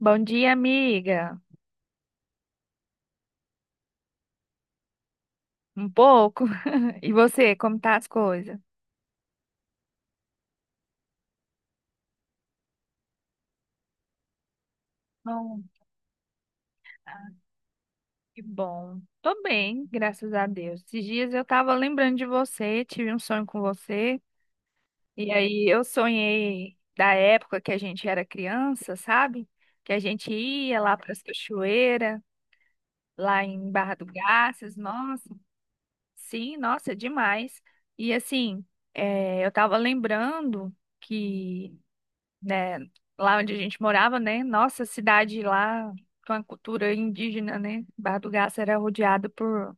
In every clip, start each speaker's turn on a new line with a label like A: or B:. A: Bom dia, amiga. Um pouco. E você, como tá as coisas? Bom. Que bom. Tô bem, graças a Deus. Esses dias eu tava lembrando de você, tive um sonho com você. E aí eu sonhei da época que a gente era criança, sabe? Que a gente ia lá para as cachoeiras, lá em Barra do Garças. Nossa, sim, nossa, demais. E assim, eu tava lembrando que, né, lá onde a gente morava, né? Nossa, a cidade lá com a cultura indígena, né? Barra do Garça era rodeada por,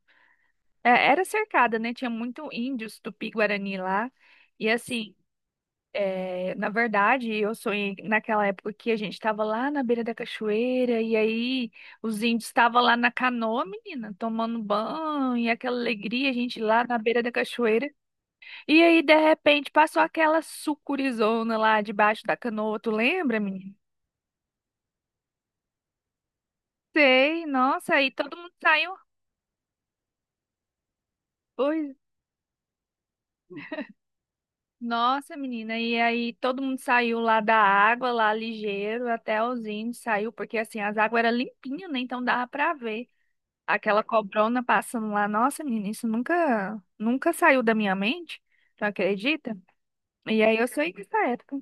A: era cercada, né? Tinha muito índios Tupi-Guarani lá. E assim, na verdade, eu sonhei naquela época que a gente estava lá na beira da cachoeira e aí os índios estavam lá na canoa, menina, tomando banho e aquela alegria, a gente lá na beira da cachoeira. E aí, de repente, passou aquela sucurizona lá debaixo da canoa, tu lembra, menina? Sei, nossa, e todo mundo saiu. Pois, nossa, menina, e aí todo mundo saiu lá da água, lá ligeiro, até os índios saiu, porque assim, as águas eram limpinhas, né? Então dava pra ver aquela cobrona passando lá. Nossa, menina, isso nunca, nunca saiu da minha mente, tu acredita? E aí eu saí dessa época.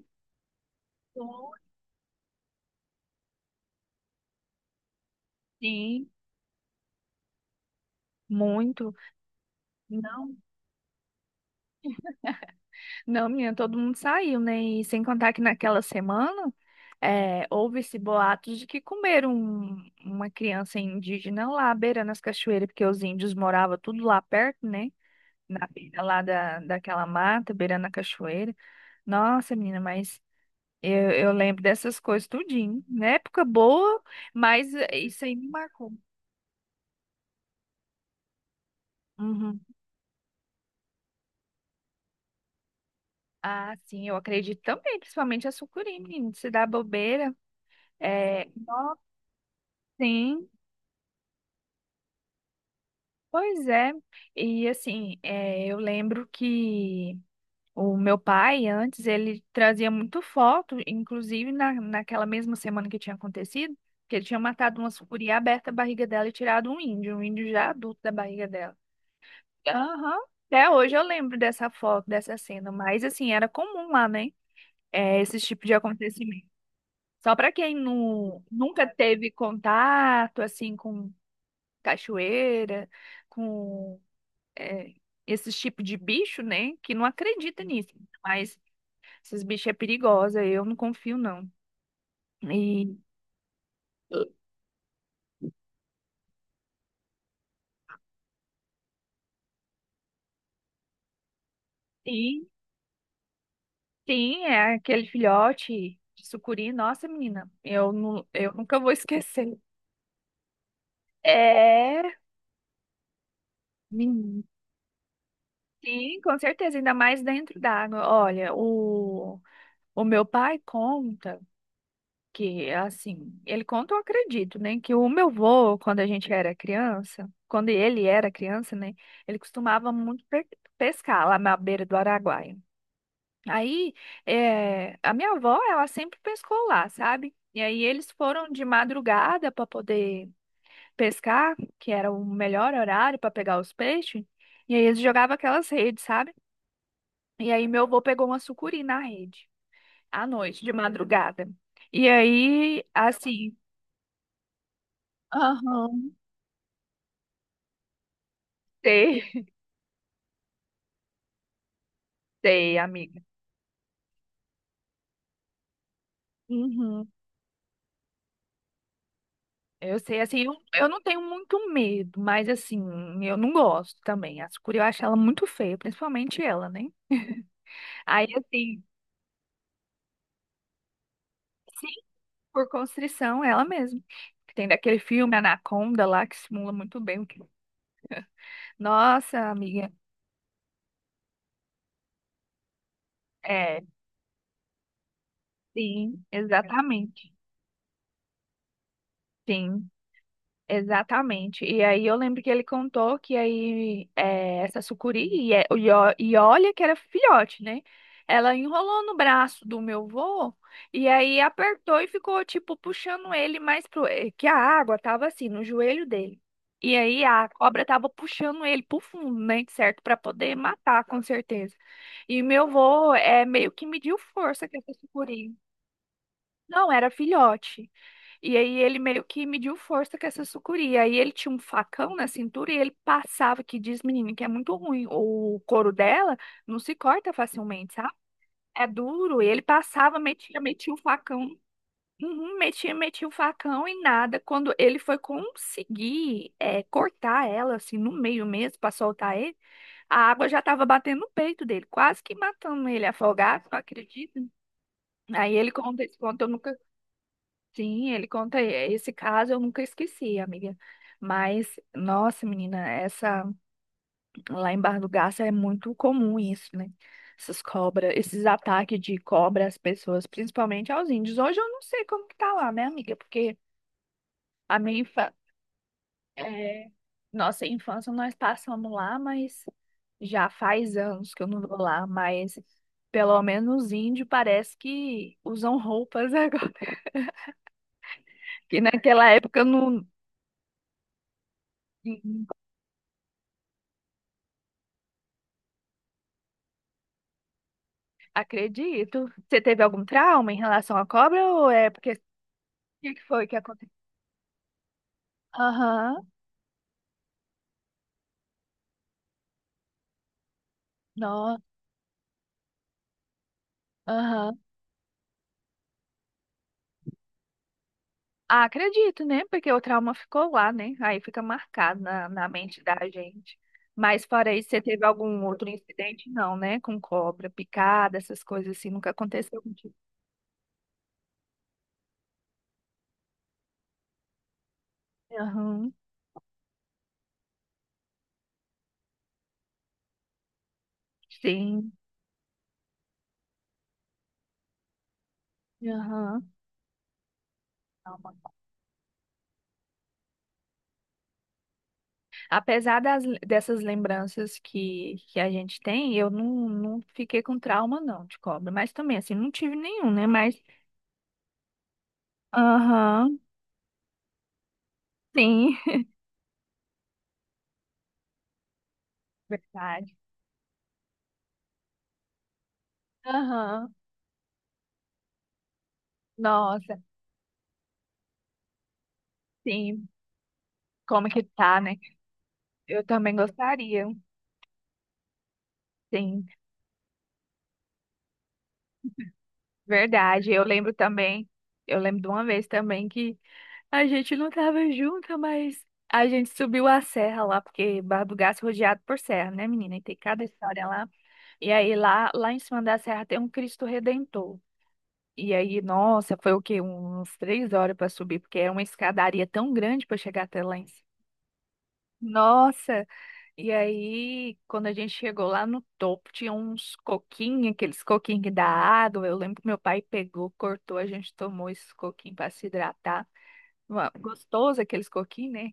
A: Sim, muito. Não. Não, menina, todo mundo saiu, né? E sem contar que naquela semana houve-se boatos de que comeram uma criança indígena lá, beirando as cachoeiras, porque os índios moravam tudo lá perto, né? Na beira lá daquela mata, beirando a cachoeira. Nossa, menina, mas eu lembro dessas coisas tudinho. Na época boa, mas isso aí me marcou. Uhum. Ah, sim, eu acredito também, principalmente a sucuri, menino, se dá bobeira. É, nossa, sim. Pois é, e assim, eu lembro que o meu pai, antes, ele trazia muito foto, inclusive naquela mesma semana que tinha acontecido, que ele tinha matado uma sucuri, aberta a barriga dela e tirado um índio já adulto da barriga dela. Aham, até hoje eu lembro dessa foto, dessa cena, mas assim, era comum lá, né? É, esse tipo de acontecimento. Só para quem nunca teve contato, assim, com cachoeira, com é, esses tipos de bicho, né? Que não acredita nisso. Mas esses bichos é perigosa, eu não confio, não. E sim, sim, é aquele filhote de sucuri, nossa, menina, não, eu nunca vou esquecer. É, menina, sim, com certeza, ainda mais dentro d'água. Olha, o meu pai conta. Que, assim, ele conta, eu acredito, né? Que o meu avô, quando a gente era criança, quando ele era criança, né? Ele costumava muito pescar lá na beira do Araguaia. Aí, a minha avó, ela sempre pescou lá, sabe? E aí eles foram de madrugada para poder pescar, que era o melhor horário para pegar os peixes. E aí eles jogavam aquelas redes, sabe? E aí meu avô pegou uma sucuri na rede, à noite, de madrugada. E aí, assim, aham. Sei, sei, amiga. Uhum. Eu sei, assim, eu não tenho muito medo, mas assim, eu não gosto também. A sucuri eu acho ela muito feia, principalmente ela, né? Aí, assim, sim, por constrição, ela mesma. Tem daquele filme Anaconda lá que simula muito bem o que. Nossa, amiga. É, sim, exatamente. Sim. Exatamente. E aí eu lembro que ele contou que aí essa sucuri, e olha que era filhote, né? Ela enrolou no braço do meu vô e aí apertou e ficou tipo puxando ele mais. Que a água tava assim, no joelho dele. E aí a cobra tava puxando ele pro fundo, né? Certo? Pra poder matar, com certeza. E meu vô meio que mediu força com essa sucuri. Não, era filhote. E aí ele meio que mediu força com essa sucuri. Aí ele tinha um facão na cintura e ele passava, que diz, menina, que é muito ruim. O couro dela não se corta facilmente, sabe? É duro. E ele passava, metia o facão. Uhum, metia o facão e nada. Quando ele foi conseguir cortar ela, assim, no meio mesmo, pra soltar ele, a água já tava batendo no peito dele, quase que matando ele afogado, não acredita? Aí ele conta esse conto, eu nunca. Sim, ele conta esse caso, eu nunca esqueci, amiga. Mas, nossa, menina, essa lá em Barra do Garça é muito comum isso, né? Essas cobras, esses ataques de cobra às pessoas, principalmente aos índios. Hoje eu não sei como que tá lá, né, amiga? Porque a minha infa... é, nossa infância nós passamos lá, mas já faz anos que eu não vou lá, mas pelo menos os índios parece que usam roupas agora, que naquela época não. Acredito. Você teve algum trauma em relação à cobra ou é porque o que que foi que aconteceu? Aham, nossa, aham. Ah, acredito, né? Porque o trauma ficou lá, né? Aí fica marcado na mente da gente. Mas fora isso, você teve algum outro incidente? Não, né? Com cobra, picada, essas coisas assim, nunca aconteceu contigo. Aham, sim. Aham. Apesar das, dessas lembranças que a gente tem, eu não fiquei com trauma, não, de cobra. Mas também, assim, não tive nenhum, né? Mas, aham, sim. Verdade. Aham, nossa, sim. Como que tá, né? Eu também gostaria, sim. Verdade. Eu lembro também, eu lembro de uma vez também que a gente não tava junta, mas a gente subiu a serra lá, porque Barra do Gás é rodeado por serra, né, menina? E tem cada história lá. E aí lá em cima da serra tem um Cristo Redentor. E aí, nossa, foi o quê? Uns 3 horas para subir, porque é uma escadaria tão grande para chegar até lá em cima. Nossa, e aí quando a gente chegou lá no topo, tinha uns coquinhos, aqueles coquinhos que dá água. Eu lembro que meu pai pegou, cortou, a gente tomou esses coquinhos para se hidratar. Gostoso aqueles coquinhos, né?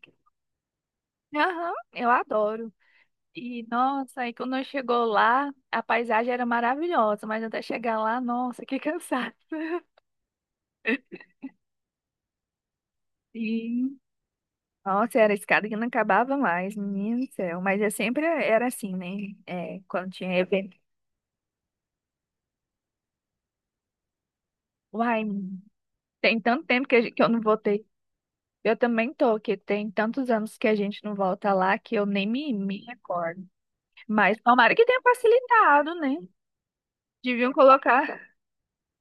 A: Aham, eu adoro. E nossa, aí quando chegou lá, a paisagem era maravilhosa, mas até chegar lá, nossa, que cansado. Sim. Nossa, era escada que não acabava mais, menino do céu. Mas eu sempre era assim, né? É, quando tinha evento. Uai, tem tanto tempo que, que eu não voltei. Eu também tô, que tem tantos anos que a gente não volta lá que eu nem me recordo. Mas tomara que tenha facilitado, né? Deviam colocar,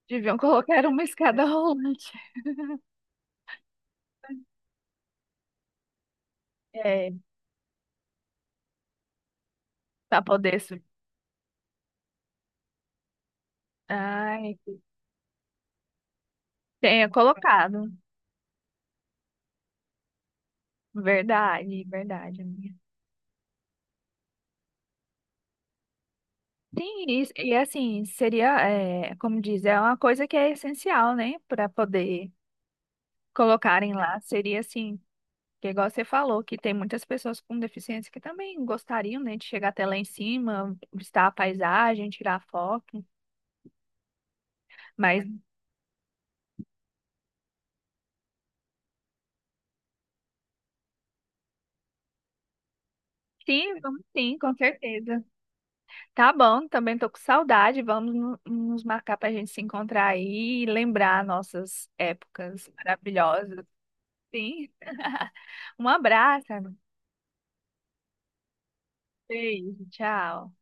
A: deviam colocar uma escada rolante. É, pra poder subir. Tenha colocado. Verdade, verdade, amiga. Sim, e assim, seria, como diz, é uma coisa que é essencial, né, para poder colocarem lá. Seria assim, que igual você falou, que tem muitas pessoas com deficiência que também gostariam, né, de chegar até lá em cima, visitar a paisagem, tirar foto. Mas sim, vamos sim, com certeza. Tá bom, também tô com saudade. Vamos nos marcar para a gente se encontrar aí e lembrar nossas épocas maravilhosas. Sim. Um abraço, amigo. Beijo, tchau.